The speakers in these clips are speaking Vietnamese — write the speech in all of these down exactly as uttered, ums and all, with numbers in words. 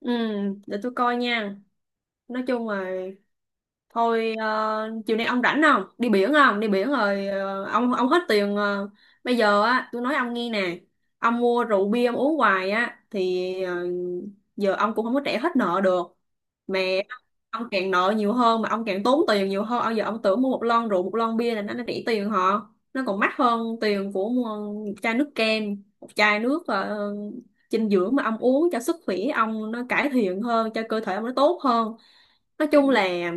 Ừ, để tôi coi nha. Nói chung là Thôi ờ, Chiều nay ông rảnh không? Đi biển không? Đi biển rồi, ờ, ông ông hết tiền. ờ, Bây giờ á, tôi nói ông nghe nè. Ông mua rượu bia ông uống hoài á thì, ờ, giờ ông cũng không có trả hết nợ được. Mẹ ông càng nợ nhiều hơn mà ông càng tốn tiền nhiều hơn. Ông giờ ông tưởng mua một lon rượu, một lon bia là nó nó rẻ tiền họ. Nó còn mắc hơn tiền của mua một chai nước kem, một chai nước ờ, dinh dưỡng mà ông uống cho sức khỏe ông nó cải thiện hơn, cho cơ thể ông nó tốt hơn. Nói chung là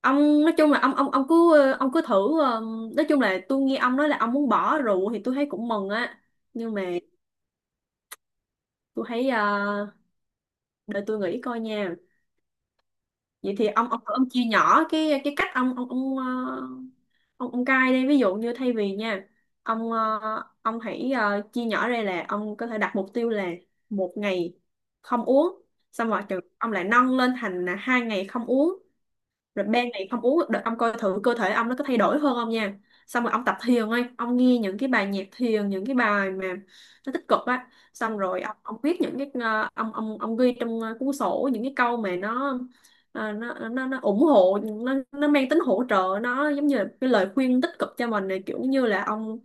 ông, nói chung là ông ông ông cứ, ờ, ông cứ thử. ờ, nói chung là tôi nghe ông nói là ông muốn bỏ rượu thì tôi thấy cũng mừng á, nhưng mà tôi thấy, ờ, để tôi nghĩ coi nha. Vậy thì ông ông thử ông chia nhỏ cái cái cách ông ông ông ờ, ông ông cai đi, ví dụ như thay vì nha, ông ờ, ông hãy, ờ, chia nhỏ ra là ông có thể đặt mục tiêu là một ngày không uống, xong rồi chừng- ông lại nâng lên thành là hai ngày không uống, rồi ban này không uống được ông coi thử cơ thể ông nó có thay đổi hơn không nha. Xong rồi ông tập thiền ấy, ông nghe những cái bài nhạc thiền, những cái bài mà nó tích cực á. Xong rồi ông, ông viết những cái, ờ, ông ông ông ghi trong, ờ, cuốn sổ những cái câu mà nó, ờ, nó nó nó ủng hộ, nó nó mang tính hỗ trợ, nó giống như là cái lời khuyên tích cực cho mình này, kiểu như là ông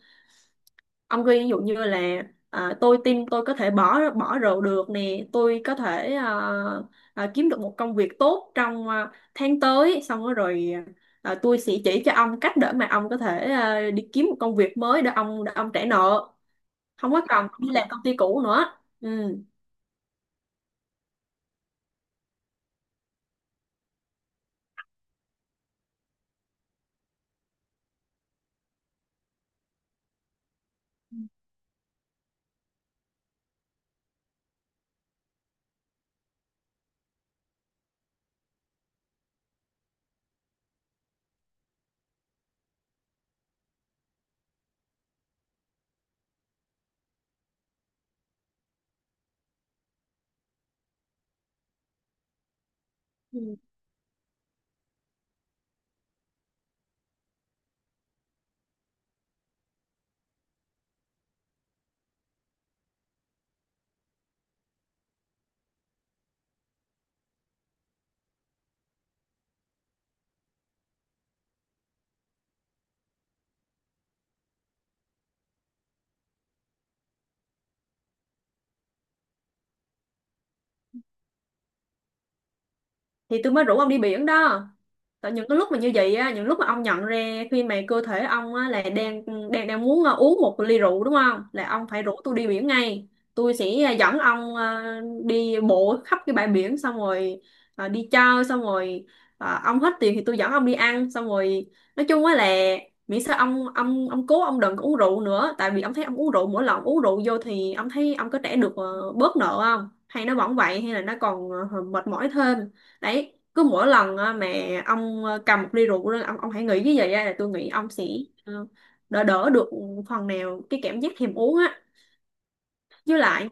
ông khuyên ví dụ như là, à, tôi tin tôi có thể bỏ bỏ rượu được nè, tôi có thể, à, à, kiếm được một công việc tốt trong, à, tháng tới. Xong rồi, rồi à, tôi sẽ chỉ cho ông cách để mà ông có thể, à, đi kiếm một công việc mới để ông để ông trả nợ, không có cần đi làm công ty cũ nữa. Ừ. Thì tôi mới rủ ông đi biển đó. Tại những cái lúc mà như vậy á, những lúc mà ông nhận ra khi mà cơ thể ông á là đang, đang đang muốn, à, uống một ly rượu đúng không, là ông phải rủ tôi đi biển ngay. Tôi sẽ, à, dẫn ông, à, đi bộ khắp cái bãi biển, xong rồi à, đi chơi, xong rồi, à, ông hết tiền thì tôi dẫn ông đi ăn. Xong rồi nói chung á là miễn sao ông ông ông cố, ông đừng có uống rượu nữa. Tại vì ông thấy ông uống rượu, mỗi lần ông uống rượu vô thì ông thấy ông có trả được, ờ, bớt nợ không, hay nó vẫn vậy, hay là nó còn ờ, mệt mỏi thêm. Đấy, cứ mỗi lần á, mà ông, ờ, cầm một ly rượu lên, ông ông hãy nghĩ như vậy á, là tôi nghĩ ông sẽ, ờ, đỡ, đỡ được phần nào cái cảm giác thèm uống á. Với lại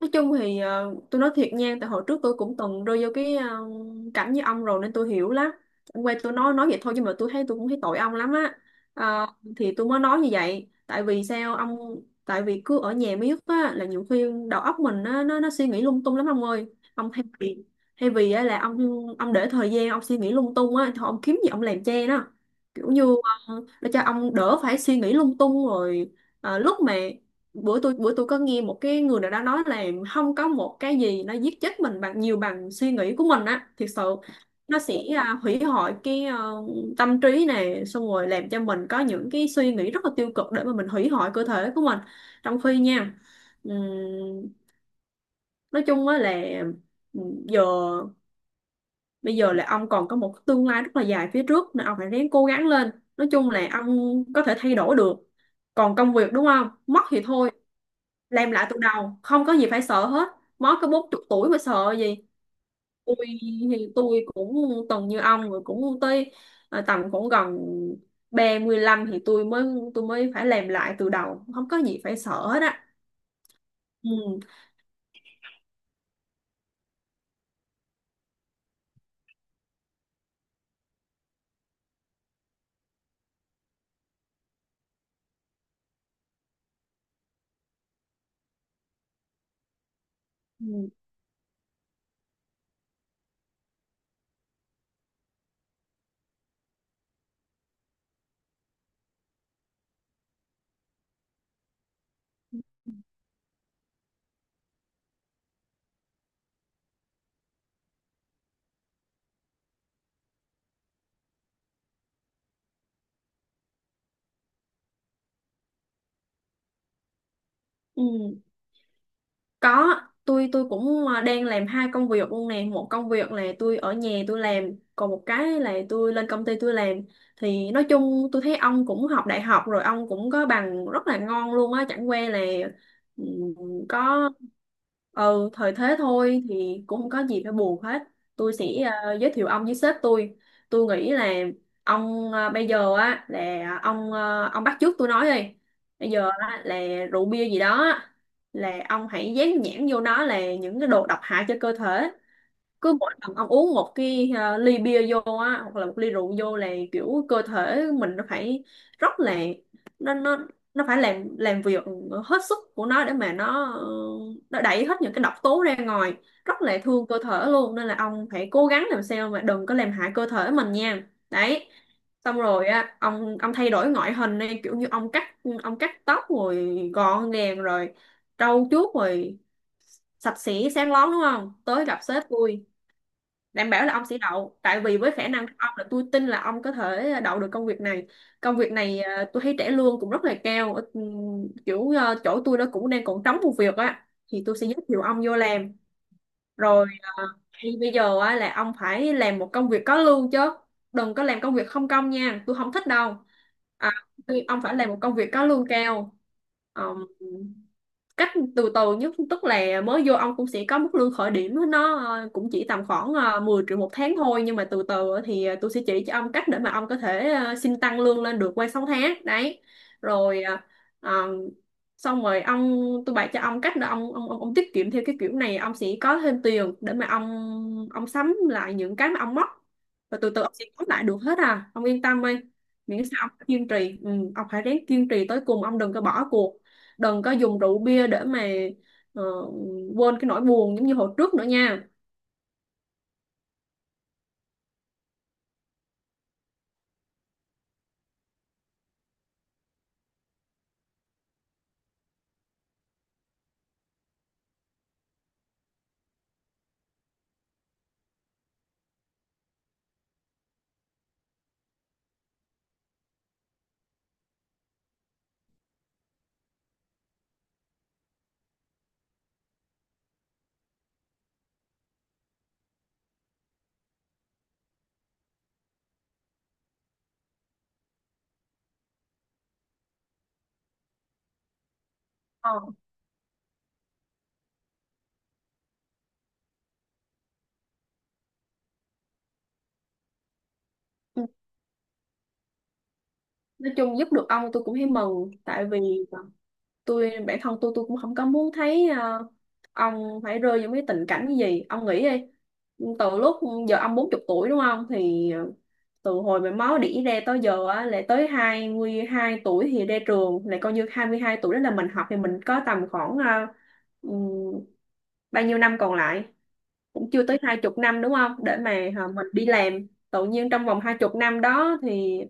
nói chung thì, ờ, tôi nói thiệt nha, tại hồi trước tôi cũng từng rơi vô cái, ờ, cảnh như ông rồi nên tôi hiểu lắm. Ông quay tôi nói nói vậy thôi, nhưng mà tôi thấy tôi cũng thấy tội ông lắm á. Ờ, thì tôi mới nói như vậy. Tại vì sao ông, tại vì cứ ở nhà miết á là nhiều khi đầu óc mình nó nó, nó suy nghĩ lung tung lắm ông ơi. Ông thay vì, thay vì á, là ông ông để thời gian ông suy nghĩ lung tung á, thôi ông kiếm gì ông làm che nó, kiểu như, ờ, để cho ông đỡ phải suy nghĩ lung tung. Rồi, Ờ, lúc mà bữa tôi bữa tôi có nghe một cái người nào đó nói là không có một cái gì nó giết chết mình bằng nhiều bằng suy nghĩ của mình á, thiệt sự nó sẽ, à, hủy hoại cái, ờ, tâm trí này, xong rồi làm cho mình có những cái suy nghĩ rất là tiêu cực để mà mình hủy hoại cơ thể của mình, trong khi nha, ừm, nói chung á là, ừm, giờ bây giờ là ông còn có một tương lai rất là dài phía trước, nên ông phải ráng cố gắng lên. Nói chung là ông có thể thay đổi được. Còn công việc đúng không, mất thì thôi, làm lại từ đầu, không có gì phải sợ hết. Mới có bốn chục tuổi mà sợ gì. Tôi thì tôi cũng từng như ông rồi, cũng tới, à, tầm cũng gần ba mươi lăm thì tôi mới tôi mới phải làm lại từ đầu, không có gì phải sợ hết á. Ừ. Ừ. Ừ. Có, tôi tôi cũng, à, đang làm hai công việc luôn nè. Một công việc là tôi ở nhà tôi làm, còn một cái là tôi lên công ty tôi làm. Thì nói chung tôi thấy ông cũng học đại học rồi, ông cũng có bằng rất là ngon luôn á, chẳng qua là, ừm, có, ừ, thời thế thôi, thì cũng không có gì phải buồn hết. Tôi sẽ, à, giới thiệu ông với sếp tôi. Tôi nghĩ là ông, à, bây giờ á là ông, à, ông bắt chước tôi nói đi. Bây giờ á là rượu bia gì đó là ông hãy dán nhãn vô nó là những cái đồ độc hại cho cơ thể. Cứ mỗi lần ông uống một cái, à, ly bia vô á, hoặc là một ly rượu vô, là kiểu cơ thể mình nó phải rất là, nó nó nó phải làm làm việc hết sức của nó để mà nó, ờ, nó đẩy hết những cái độc tố ra ngoài, rất là thương cơ thể luôn. Nên là ông phải cố gắng làm sao mà đừng có làm hại cơ thể mình nha, đấy. Xong rồi á ông ông thay đổi ngoại hình đi, kiểu như ông cắt ông cắt tóc rồi gọn gàng rồi trau chuốt rồi sạch sẽ sáng lón, đúng không, tới gặp sếp tôi, đảm bảo là ông sẽ đậu. Tại vì với khả năng của ông là tôi tin là ông có thể đậu được công việc này. Công việc này, à, tôi thấy trả lương cũng rất là cao. Ờ, Ừm, kiểu à, chỗ tôi nó cũng đang còn trống một việc á, thì tôi sẽ giới thiệu ông vô làm. Rồi, à, thì bây giờ á, là ông phải làm một công việc có lương chứ, đừng có làm công việc không công nha, tôi không thích đâu. à, tôi- ông phải làm một công việc có lương cao. Ờm, Cách từ từ nhất tức là mới vô ông cũng sẽ có mức lương khởi điểm nó, ờ, cũng chỉ tầm khoảng ờ, mười triệu một tháng thôi. Nhưng mà từ từ thì, ờ, tôi sẽ chỉ cho ông cách để mà ông có thể, ờ, xin tăng lương lên được qua sáu tháng đấy. Rồi, ờ, ờ, xong rồi ông, tôi bày cho ông cách để ông, ông ông ông tiết kiệm theo cái kiểu này, ông sẽ có thêm tiền để mà ông ông sắm lại những cái mà ông mất, và từ từ ông sẽ có lại được hết. À, ông yên tâm đi, miễn sao ông kiên trì. Ừ, ông phải ráng kiên trì tới cùng, ông đừng có bỏ cuộc, đừng có dùng rượu bia để mà, ờ, quên cái nỗi buồn giống như hồi trước nữa nha. Ờ. Ừ. Nói chung giúp được ông tôi cũng thấy mừng, tại vì tôi, bản thân tôi tôi cũng không có muốn thấy, ờ, ông phải rơi vào cái tình cảnh như gì ông nghĩ đi. Từ lúc, giờ ông bốn chục tuổi đúng không, thì, ờ, từ hồi mà máu đỉ ra tới giờ á lại tới hai mươi hai tuổi thì ra trường, lại coi như hai mươi hai tuổi đó là mình học, thì mình có tầm khoảng, ờ, ừm, bao nhiêu năm còn lại, cũng chưa tới hai chục năm đúng không, để mà hả, mình đi làm tự nhiên trong vòng hai chục năm đó thì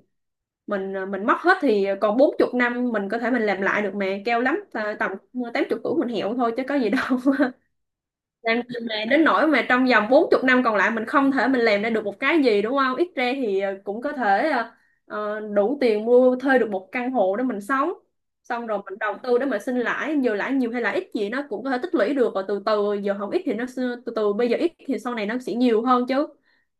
mình, à, mình mất hết, thì còn bốn chục năm mình có thể mình làm lại được mà, keo lắm à, tầm tám chục tuổi mình hiểu thôi chứ có gì đâu làm gì mà đến nỗi mà trong vòng bốn chục năm còn lại mình không thể mình làm ra được một cái gì, đúng không? Ít ra thì, ờ, cũng có thể, ờ, ờ, đủ tiền mua thuê được một căn hộ để mình sống. Xong rồi mình đầu tư để mình sinh lãi. Giờ lãi nhiều hay là ít gì nó cũng có thể tích lũy được rồi từ từ. Giờ không ít thì nó sẽ- từ từ bây giờ ít thì sau này nó sẽ nhiều hơn chứ.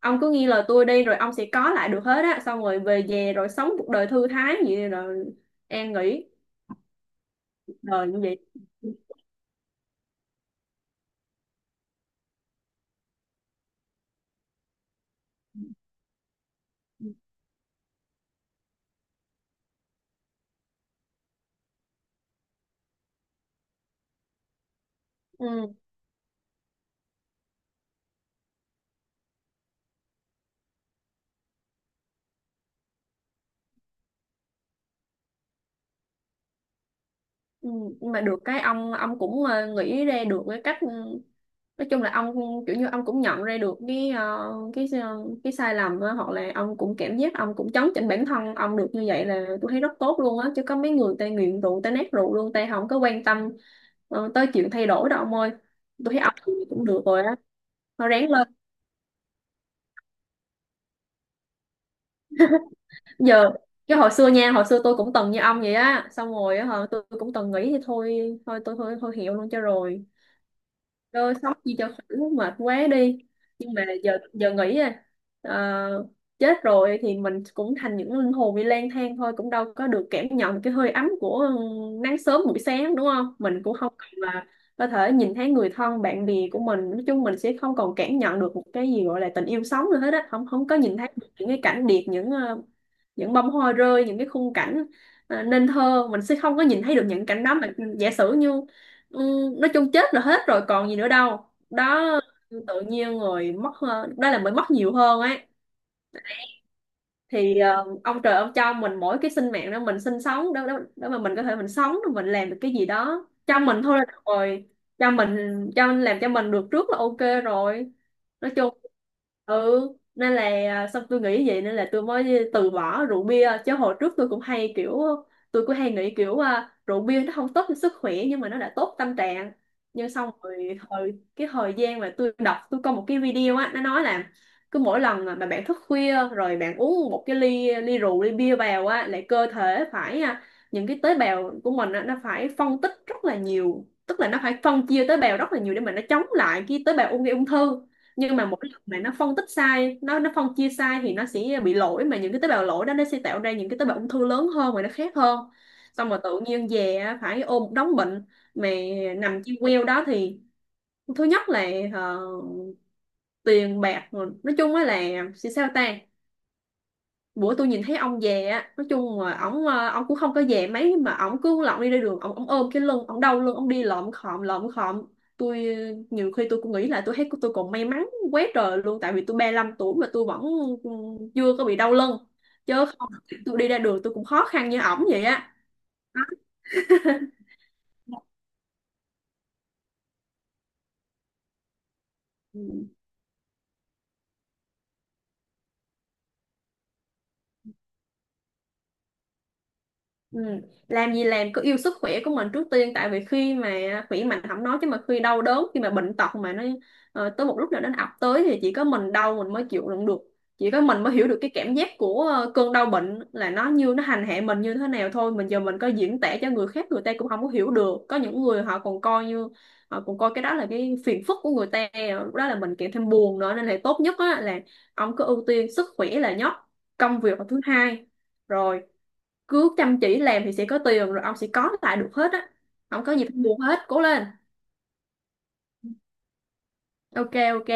Ông cứ nghe lời tôi đi rồi ông sẽ có lại được hết á, xong rồi về về rồi sống cuộc đời thư thái vậy rồi an nghỉ cuộc đời như vậy. Ừ. Ừ, nhưng mà được cái ông ông cũng ờ, nghĩ ra được cái cách, ừ, nói chung là ông kiểu như ông cũng nhận ra được cái ờ, cái ờ, cái sai lầm á, hoặc là ông cũng cảm giác ông cũng chấn chỉnh bản thân ông được, như vậy là tôi thấy rất tốt luôn á. Chứ có mấy người ta nghiện rượu, ta nát rượu luôn, ta không có quan tâm ờ, tới chuyện thay đổi đâu ông ơi. Tôi thấy ông cũng được rồi á, nó ráng lên. Giờ cái hồi xưa nha, hồi xưa tôi cũng từng như ông vậy á, xong rồi á hả, tôi cũng từng nghĩ thì thôi thôi tôi thôi thôi hiểu luôn cho rồi. Tôi sống chi cho khỏe, mệt quá đi. Nhưng mà giờ giờ nghĩ à, ờ, chết rồi thì mình cũng thành những linh hồn đi lang thang thôi, cũng đâu có được cảm nhận cái hơi ấm của, ừ, nắng sớm buổi sáng đúng không. Mình cũng không còn là có thể nhìn thấy người thân bạn bè của mình. Nói chung mình sẽ không còn cảm nhận được một cái gì gọi là tình yêu sống nữa hết á, không không có nhìn thấy được những cái cảnh đẹp, những ờ, những bông hoa rơi, những cái khung cảnh ờ, nên thơ, mình sẽ không có nhìn thấy được những cảnh đó mà. Giả sử như, ừ, nói chung chết là hết rồi, còn gì nữa đâu đó. Tự nhiên rồi mất, ờ, đó là mới mất nhiều hơn ấy. Thì ờ, ông trời ông cho mình mỗi cái sinh mạng đó, mình sinh sống đó, đó đó mà mình có thể mình sống rồi mình làm được cái gì đó cho mình thôi là được rồi. Cho mình, cho làm cho mình được trước là ok rồi. Nói chung, ừ, nên là à, xong tôi nghĩ vậy nên là tôi mới từ bỏ rượu bia. Chứ hồi trước tôi cũng hay kiểu, tôi cũng hay nghĩ kiểu à, rượu bia nó không tốt cho sức khỏe nhưng mà nó đã tốt tâm trạng. Nhưng xong rồi hồi cái thời gian mà tôi đọc, tôi có một cái video á, nó nói là cứ mỗi lần mà bạn thức khuya rồi bạn uống một cái ly ly rượu, ly bia vào á, lại cơ thể phải à, những cái tế bào của mình á, nó phải phân tích rất là nhiều, tức là nó phải phân chia tế bào rất là nhiều để mà nó chống lại cái tế bào ung gây ung thư. Nhưng mà mỗi lần mà nó phân tích sai, nó nó phân chia sai thì nó sẽ bị lỗi, mà những cái tế bào lỗi đó nó sẽ tạo ra những cái tế bào ung thư lớn hơn và nó khác hơn. Xong rồi tự nhiên về á, phải ôm một đống bệnh mà nằm trên queo đó thì thứ nhất là, ờ, tiền bạc rồi. Nói chung á là sẽ sao ta. Bữa tôi nhìn thấy ông về á, nói chung là ổng ờ, ổng cũng không có về mấy mà ổng cứ lọng đi ra đường, ổng ổng ôm cái lưng, ổng đau lưng, ổng đi lợm khọm lợm khọm. Tôi ờ, nhiều khi tôi cũng nghĩ là tôi thấy tôi còn may mắn quá trời luôn, tại vì tôi ba lăm tuổi mà tôi vẫn, ừ, chưa có bị đau lưng. Chứ không tôi đi ra đường tôi cũng khó khăn như ổng vậy á. Đó. Ừ. Ừ. Làm gì làm cứ yêu sức khỏe của mình trước tiên, tại vì khi mà khỏe mạnh không nói chứ mà khi đau đớn, khi mà bệnh tật mà nó ờ, tới một lúc nào nó ập tới thì chỉ có mình đau mình mới chịu đựng được, chỉ có mình mới hiểu được cái cảm giác của, ờ, cơn đau bệnh là nó như nó hành hạ mình như thế nào thôi. Mình giờ mình có diễn tả cho người khác người ta cũng không có hiểu được, có những người họ còn coi như họ còn coi cái đó là cái phiền phức của người ta, lúc đó là mình kèm thêm buồn nữa. Nên là tốt nhất á, là ông cứ ưu tiên sức khỏe là nhất, công việc là thứ hai. Rồi cứ chăm chỉ làm thì sẽ có tiền, rồi ông sẽ có lại được hết á, không có gì phải buồn hết, cố lên. Ok, ok